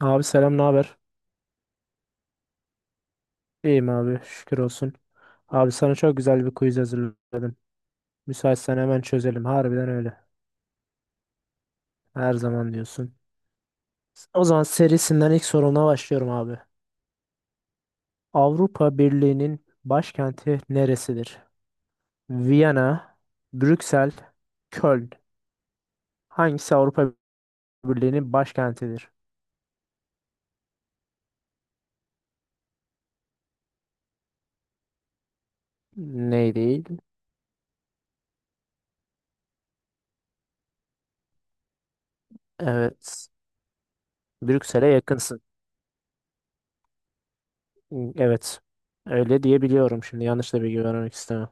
Abi selam, ne haber? İyiyim abi, şükür olsun. Abi sana çok güzel bir quiz hazırladım. Müsaitsen hemen çözelim. Harbiden öyle. Her zaman diyorsun. O zaman serisinden ilk soruna başlıyorum abi. Avrupa Birliği'nin başkenti neresidir? Viyana, Brüksel, Köln. Hangisi Avrupa Birliği'nin başkentidir? Ney değil? Evet. Brüksel'e yakınsın. Evet. Öyle diyebiliyorum şimdi. Yanlış da bilgi vermek istemem.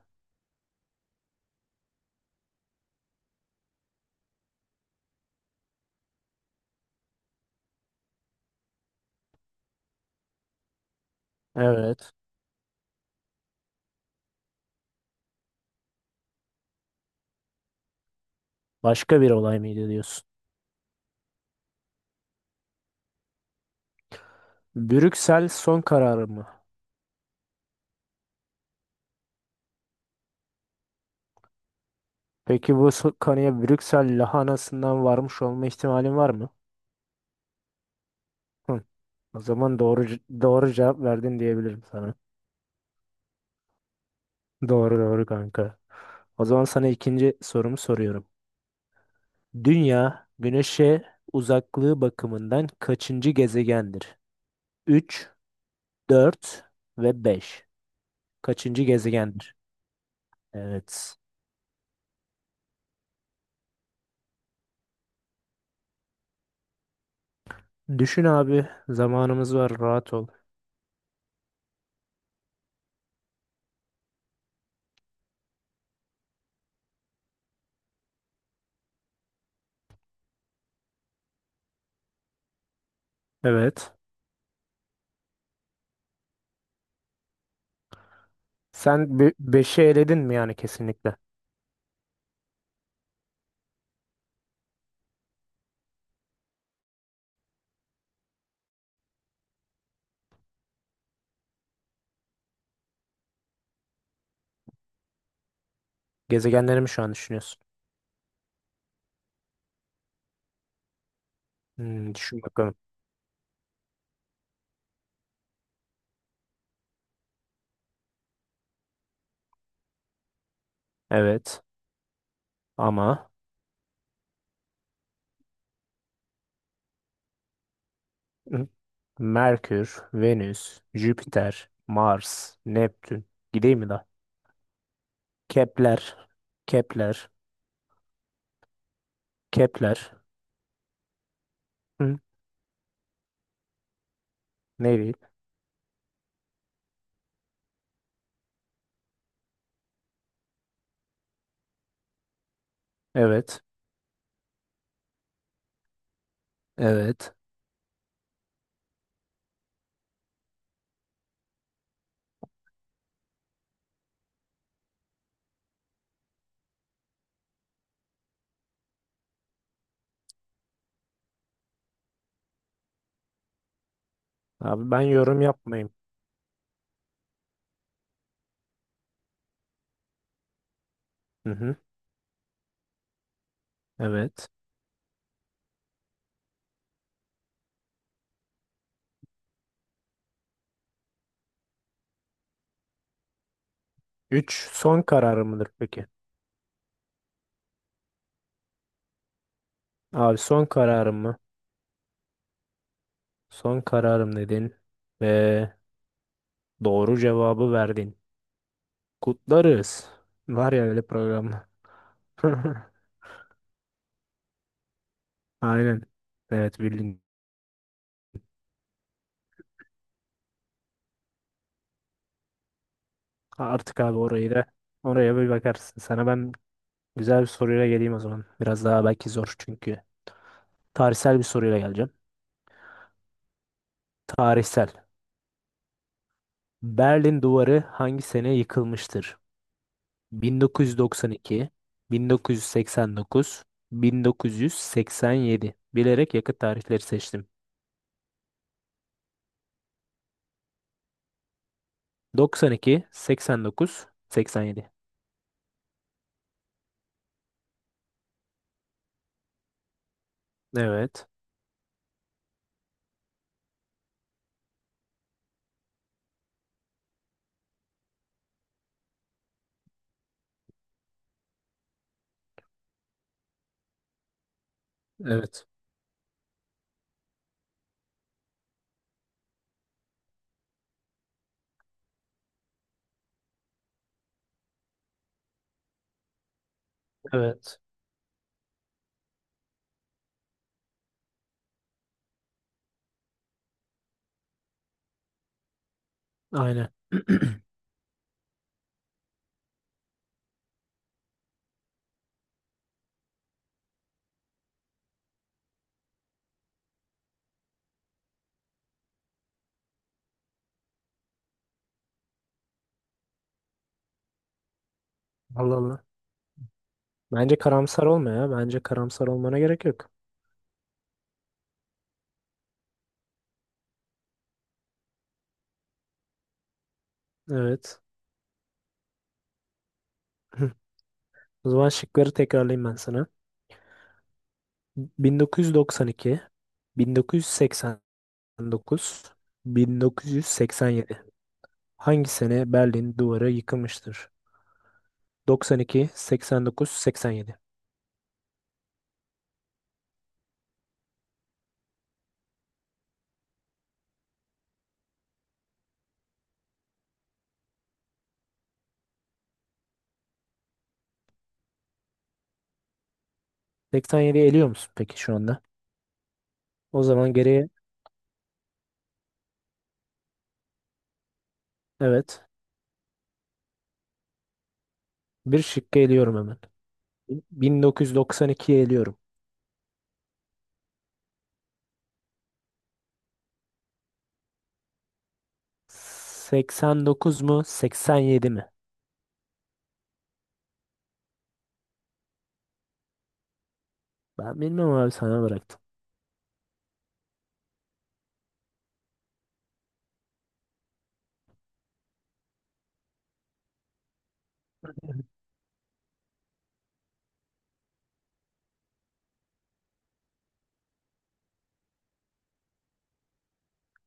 Evet. Başka bir olay mıydı diyorsun? Brüksel son kararı mı? Peki bu kanıya Brüksel lahanasından varmış olma ihtimalin var mı? Hı. O zaman doğru cevap verdin diyebilirim sana. Doğru doğru kanka. O zaman sana ikinci sorumu soruyorum. Dünya Güneş'e uzaklığı bakımından kaçıncı gezegendir? Üç, 4 ve 5. Kaçıncı gezegendir? Evet. Düşün abi. Zamanımız var. Rahat ol. Evet. Sen 5'i eledin mi yani kesinlikle? Gezegenleri mi şu an düşünüyorsun? Düşün bakalım. Evet ama Hı. Merkür, Venüs, Jüpiter, Mars, Neptün. Gideyim mi daha? Kepler, Kepler, Kepler. Hı, ne diyeyim? Evet, evet. Abi ben yorum yapmayayım. Hı hı, evet. Üç son kararım mıdır peki? Abi son kararım mı? Son kararım dedin ve doğru cevabı verdin. Kutlarız. Var ya öyle program. Aynen. Evet bildin. Artık abi orayı da oraya bir bakarsın. Sana ben güzel bir soruyla geleyim o zaman. Biraz daha belki zor çünkü. Tarihsel bir soruyla geleceğim. Tarihsel. Berlin Duvarı hangi sene yıkılmıştır? 1992, 1989, 1987. Bilerek yakıt tarihleri seçtim. 92, 89, 87. Evet. Evet. Evet. Aynen. Allah Allah. Bence karamsar olma ya. Bence karamsar olmana gerek yok. Evet. O zaman şıkları tekrarlayayım ben sana. 1992, 1989, 1987. Hangi sene Berlin duvarı yıkılmıştır? 92, 89, 87. 87'yi eliyor musun peki şu anda? O zaman geriye evet. Bir şıkkı eliyorum hemen. 1992'yi eliyorum. 89 mu, 87 mi? Ben bilmem abi sana bıraktım.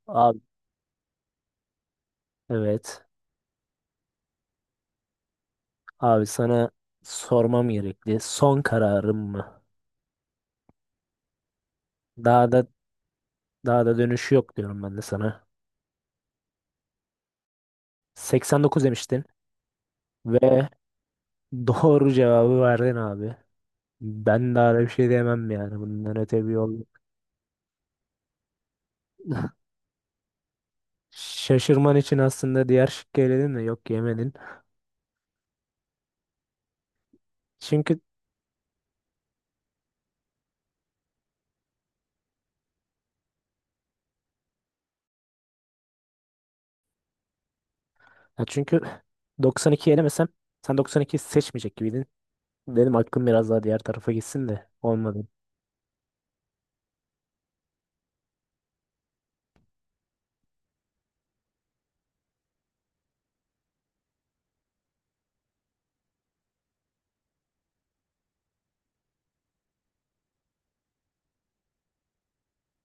Abi evet. Abi sana sormam gerekli. Son kararım mı? Daha da daha da dönüşü yok diyorum ben de sana. 89 demiştin ve doğru cevabı verdin abi. Ben daha da bir şey diyemem yani. Bundan öte bir yol yok. Şaşırman için aslında diğer şıkkı eledin de yok yemedin. Çünkü çünkü 92 elemesem sen 92 seçmeyecek gibiydin. Benim aklım biraz daha diğer tarafa gitsin de olmadı.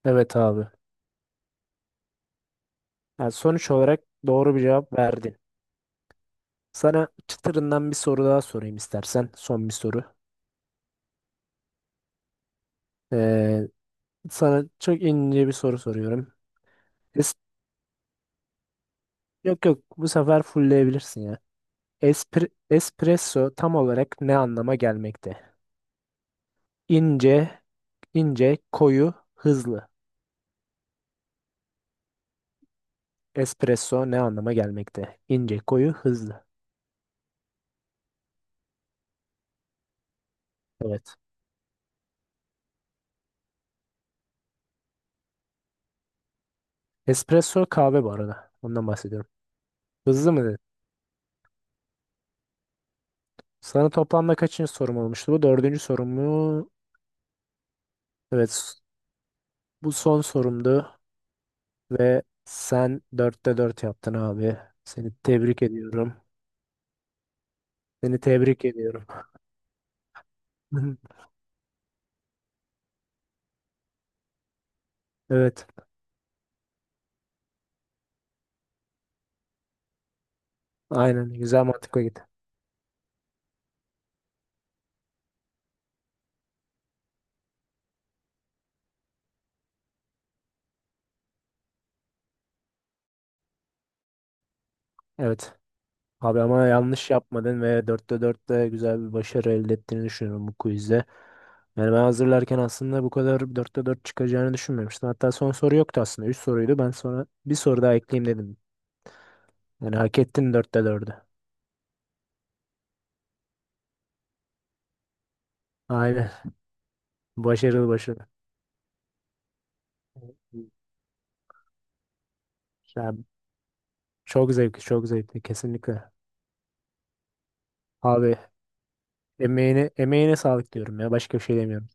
Evet abi. Yani sonuç olarak doğru bir cevap verdin. Sana çıtırından bir soru daha sorayım istersen. Son bir soru. Ee, sana çok ince bir soru soruyorum. Es- yok yok bu sefer fullleyebilirsin ya. Espresso tam olarak ne anlama gelmekte? İnce, ince, koyu, hızlı. Espresso ne anlama gelmekte? İnce, koyu, hızlı. Evet. Espresso kahve bu arada. Ondan bahsediyorum. Hızlı mı dedin? Sana toplamda kaçıncı sorum olmuştu? Bu dördüncü sorum mu? Evet. Bu son sorumdu ve sen dörtte dört yaptın abi. Seni tebrik ediyorum. Seni tebrik ediyorum. Evet, aynen güzel mantıkla git. Evet. Abi ama yanlış yapmadın ve dörtte dörtte güzel bir başarı elde ettiğini düşünüyorum bu quizde. Yani ben hazırlarken aslında bu kadar dörtte dört çıkacağını düşünmemiştim. Hatta son soru yoktu aslında. Üç soruydu. Ben sonra bir soru daha ekleyeyim dedim. Yani hak ettin dörtte dördü. Aynen. Başarılı başarılı. Yani çok zevkli, çok zevkli kesinlikle. Abi emeğine, emeğine sağlık diyorum ya. Başka bir şey demiyorum.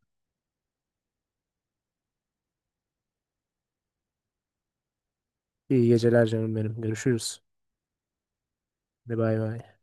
İyi geceler canım benim. Görüşürüz. Hadi bay bay.